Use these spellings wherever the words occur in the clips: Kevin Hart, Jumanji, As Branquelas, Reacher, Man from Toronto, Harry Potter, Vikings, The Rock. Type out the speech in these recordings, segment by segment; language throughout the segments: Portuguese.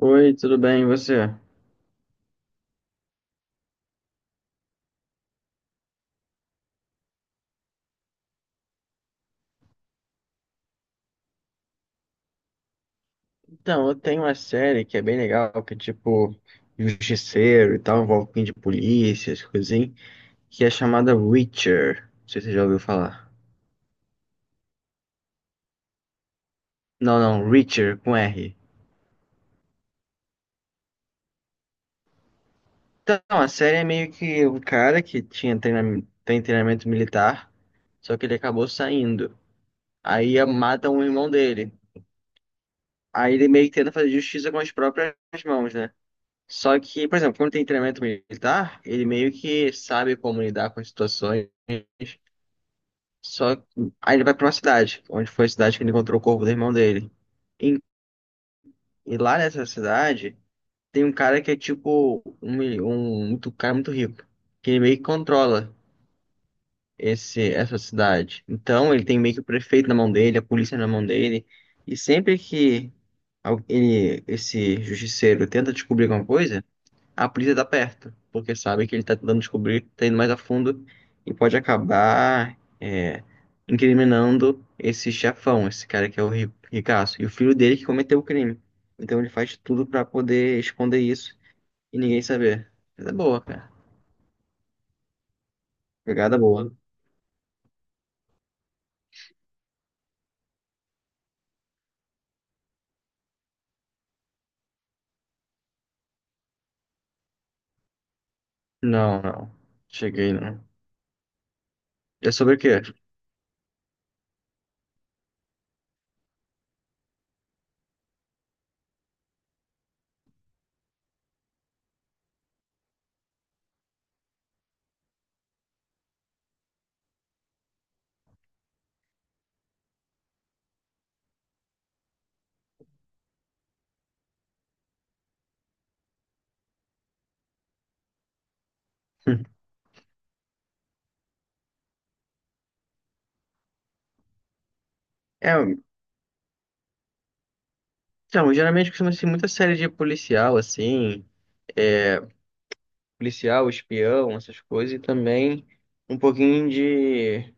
Oi, tudo bem, e você? Então, eu tenho uma série que é bem legal, que é tipo justiceiro e tal, envolve um pouquinho de polícia, essas coisas assim, que é chamada Reacher. Não sei se você já ouviu falar. Não, não, Reacher, com R. Então, a série é meio que um cara que tem treinamento militar, só que ele acabou saindo. Aí matam um irmão dele. Aí ele meio que tenta fazer justiça com as próprias mãos, né? Só que, por exemplo, quando tem treinamento militar, ele meio que sabe como lidar com as situações. Só que aí ele vai pra uma cidade, onde foi a cidade que ele encontrou o corpo do irmão dele. E, e lá nessa cidade tem um cara que é tipo um cara muito rico, que ele meio que controla essa cidade. Então ele tem meio que o prefeito na mão dele, a polícia na mão dele. E sempre que esse justiceiro tenta descobrir alguma coisa, a polícia tá perto, porque sabe que ele tá tentando descobrir, tá indo mais a fundo e pode acabar incriminando esse chefão, esse cara que é o ricaço, e o filho dele que cometeu o crime. Então ele faz tudo pra poder esconder isso e ninguém saber. Mas é boa, cara. Pegada boa. Não, não. Cheguei, não. É sobre o quê? É, então, geralmente costuma ser muita série de policial, assim, é, policial, espião, essas coisas, e também um pouquinho de.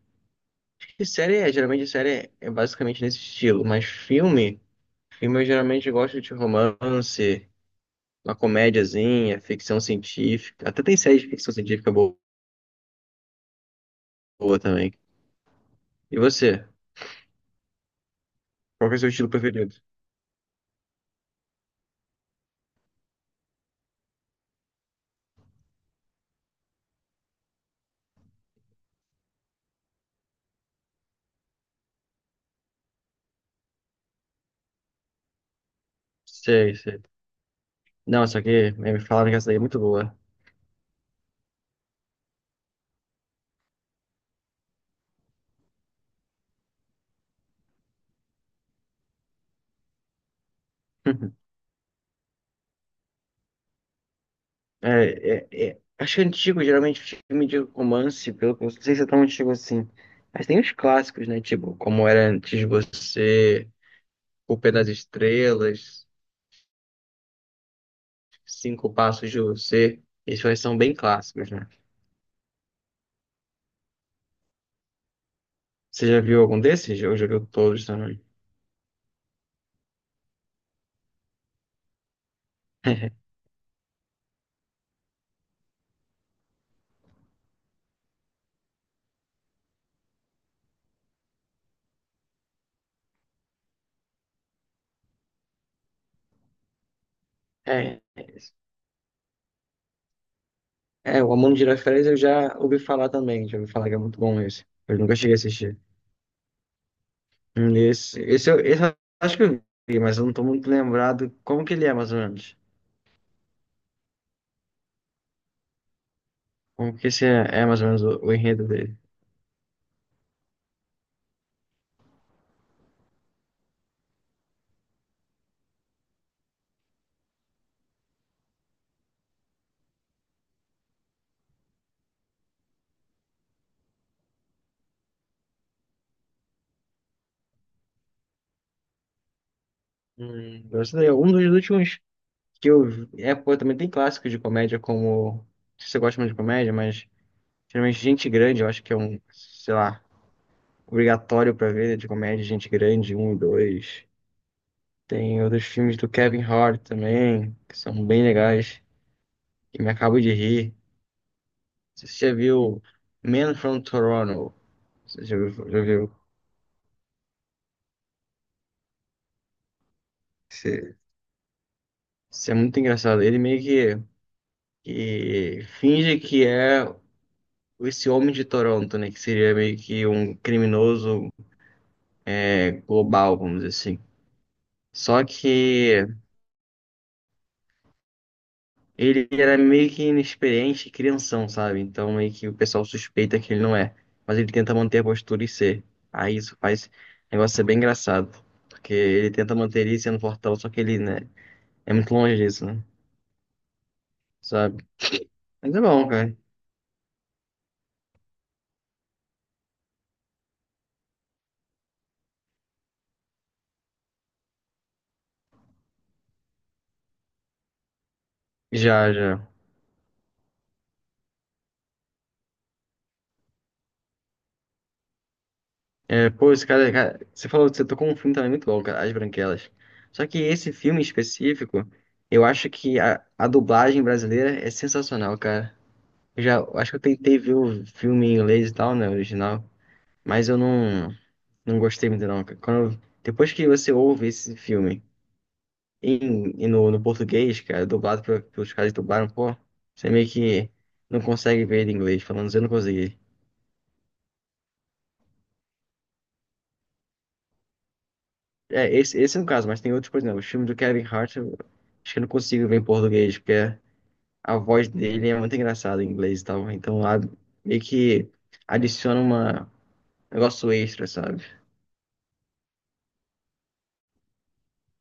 Que série é? Geralmente série é basicamente nesse estilo, mas filme eu geralmente gosto de romance, uma comédiazinha, ficção científica. Até tem série de ficção científica boa, boa também. E você? Qual que é o seu estilo preferido? Sei, sei. Não, só que me falaram que essa daí é muito boa. É, é, é. Acho que é antigo, geralmente, filme de romance, pelo que eu não sei se é tão antigo assim. Mas tem os clássicos, né? Tipo, Como Era Antes de Você, O Pé das Estrelas. Cinco Passos de Você. Esses dois são bem clássicos, né? Você já viu algum desses? Eu já viu todos também? É, é, isso. É, o Amor de Tirar Férias eu já ouvi falar também. Já ouvi falar que é muito bom esse. Eu nunca cheguei a assistir. Esse eu acho que eu vi, mas eu não tô muito lembrado como que ele é, mais ou menos. Como que esse é mais ou menos o enredo dele. Gostei. Um dos últimos que eu vi. É, pô, também tem clássicos de comédia, como. Não sei se você gosta muito de comédia, mas. Geralmente Gente Grande, eu acho que é um. Sei lá. Obrigatório pra ver, de comédia, Gente Grande, um e dois. Tem outros filmes do Kevin Hart também, que são bem legais, que me acabo de rir. Você já viu Man from Toronto? Você já viu? Já viu? Esse- esse é muito engraçado. Ele meio que finge que é esse homem de Toronto, né? Que seria meio que um criminoso global, vamos dizer assim. Só que ele era meio que inexperiente, e crianção, sabe? Então meio que o pessoal suspeita que ele não é. Mas ele tenta manter a postura e ser. Aí isso faz o negócio ser bem engraçado. Porque ele tenta manter ele sendo fortão, só que ele, né, é muito longe disso, né? Sabe? Mas é bom, cara. Já, já. É, pô, esse cara, cara, você falou que você tocou um filme também muito bom, cara, As Branquelas. Só que esse filme específico, eu acho que a dublagem brasileira é sensacional, cara. Eu acho que eu tentei ver o filme em inglês e tal, né, original. Mas eu não gostei muito, não. Cara, quando, depois que você ouve esse filme no português, cara, dublado pelos caras que dublaram, pô, você meio que não consegue ver ele em inglês, falando assim, eu não consegui. É, esse é um caso, mas tem outros, por exemplo, o filme do Kevin Hart, eu acho que eu não consigo ver em português, porque a voz dele é muito engraçada em inglês e tal. Então lá meio que adiciona uma, um negócio extra, sabe?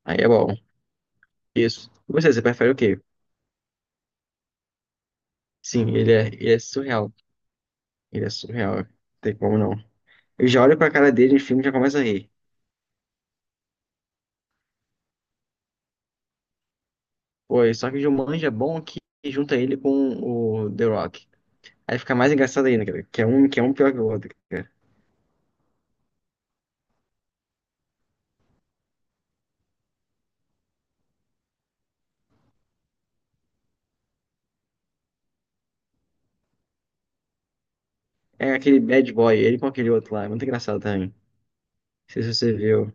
Aí é bom. Isso. E você prefere o quê? Sim, ele é, surreal. Ele é surreal, não tem como não. Eu já olho pra cara dele no filme e já começo a rir. Pô, e só que o Jumanji é bom que junta ele com o The Rock. Aí fica mais engraçado ainda, cara. que é um pior que o outro, cara. É aquele bad boy, ele com aquele outro lá. É muito engraçado também. Não sei se você viu.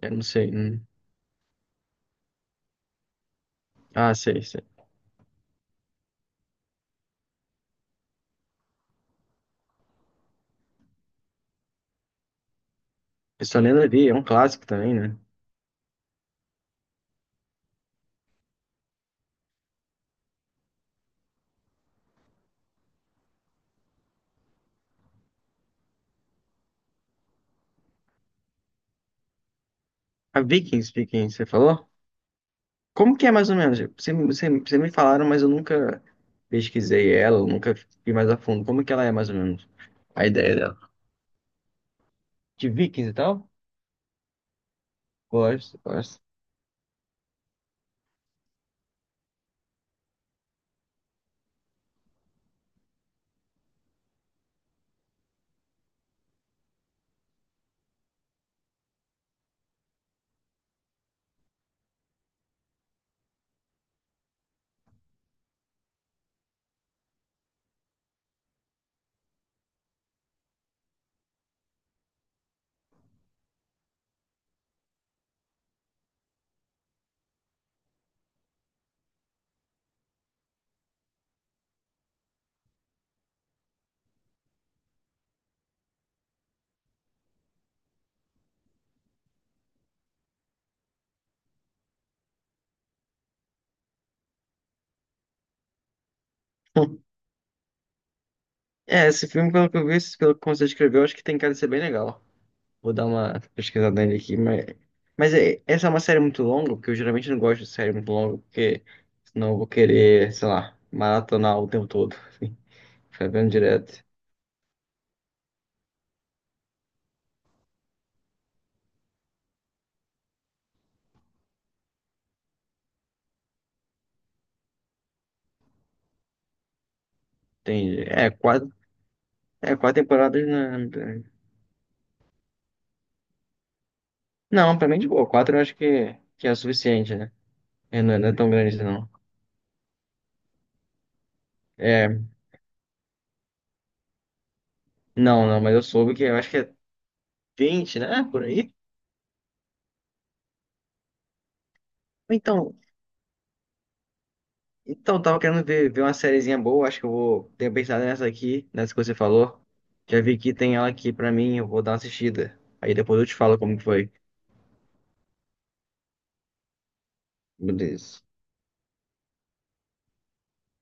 Eu não sei. Hum. Ah, sei, sei. Eu só lembro ali, é um clássico também, né? A Vikings, Vikings, você falou? Como que é mais ou menos? Você me falaram, mas eu nunca pesquisei ela, eu nunca fui mais a fundo. Como que ela é mais ou menos? A ideia de Vikings e tal? Gosto, gosto. É, esse filme, pelo que eu vi, pelo que você escreveu, acho que tem cara de ser bem legal. Vou dar uma pesquisada nele aqui, mas. Mas é, essa é uma série muito longa, porque eu geralmente não gosto de série muito longa, porque senão eu vou querer, sei lá, maratonar o tempo todo. Assim, ficar vendo direto. Entendi. É, quatro temporadas na. Não, pra mim de boa. Quatro eu acho que é o suficiente, né? É, não é tão grande, não. É, não, não, mas eu soube que eu acho que é 20, né? Por aí. Então, Então, tava querendo ver uma sériezinha boa, acho que eu vou ter pensado nessa aqui, nessa que você falou. Já vi que tem ela aqui pra mim, eu vou dar uma assistida. Aí depois eu te falo como que foi. Beleza.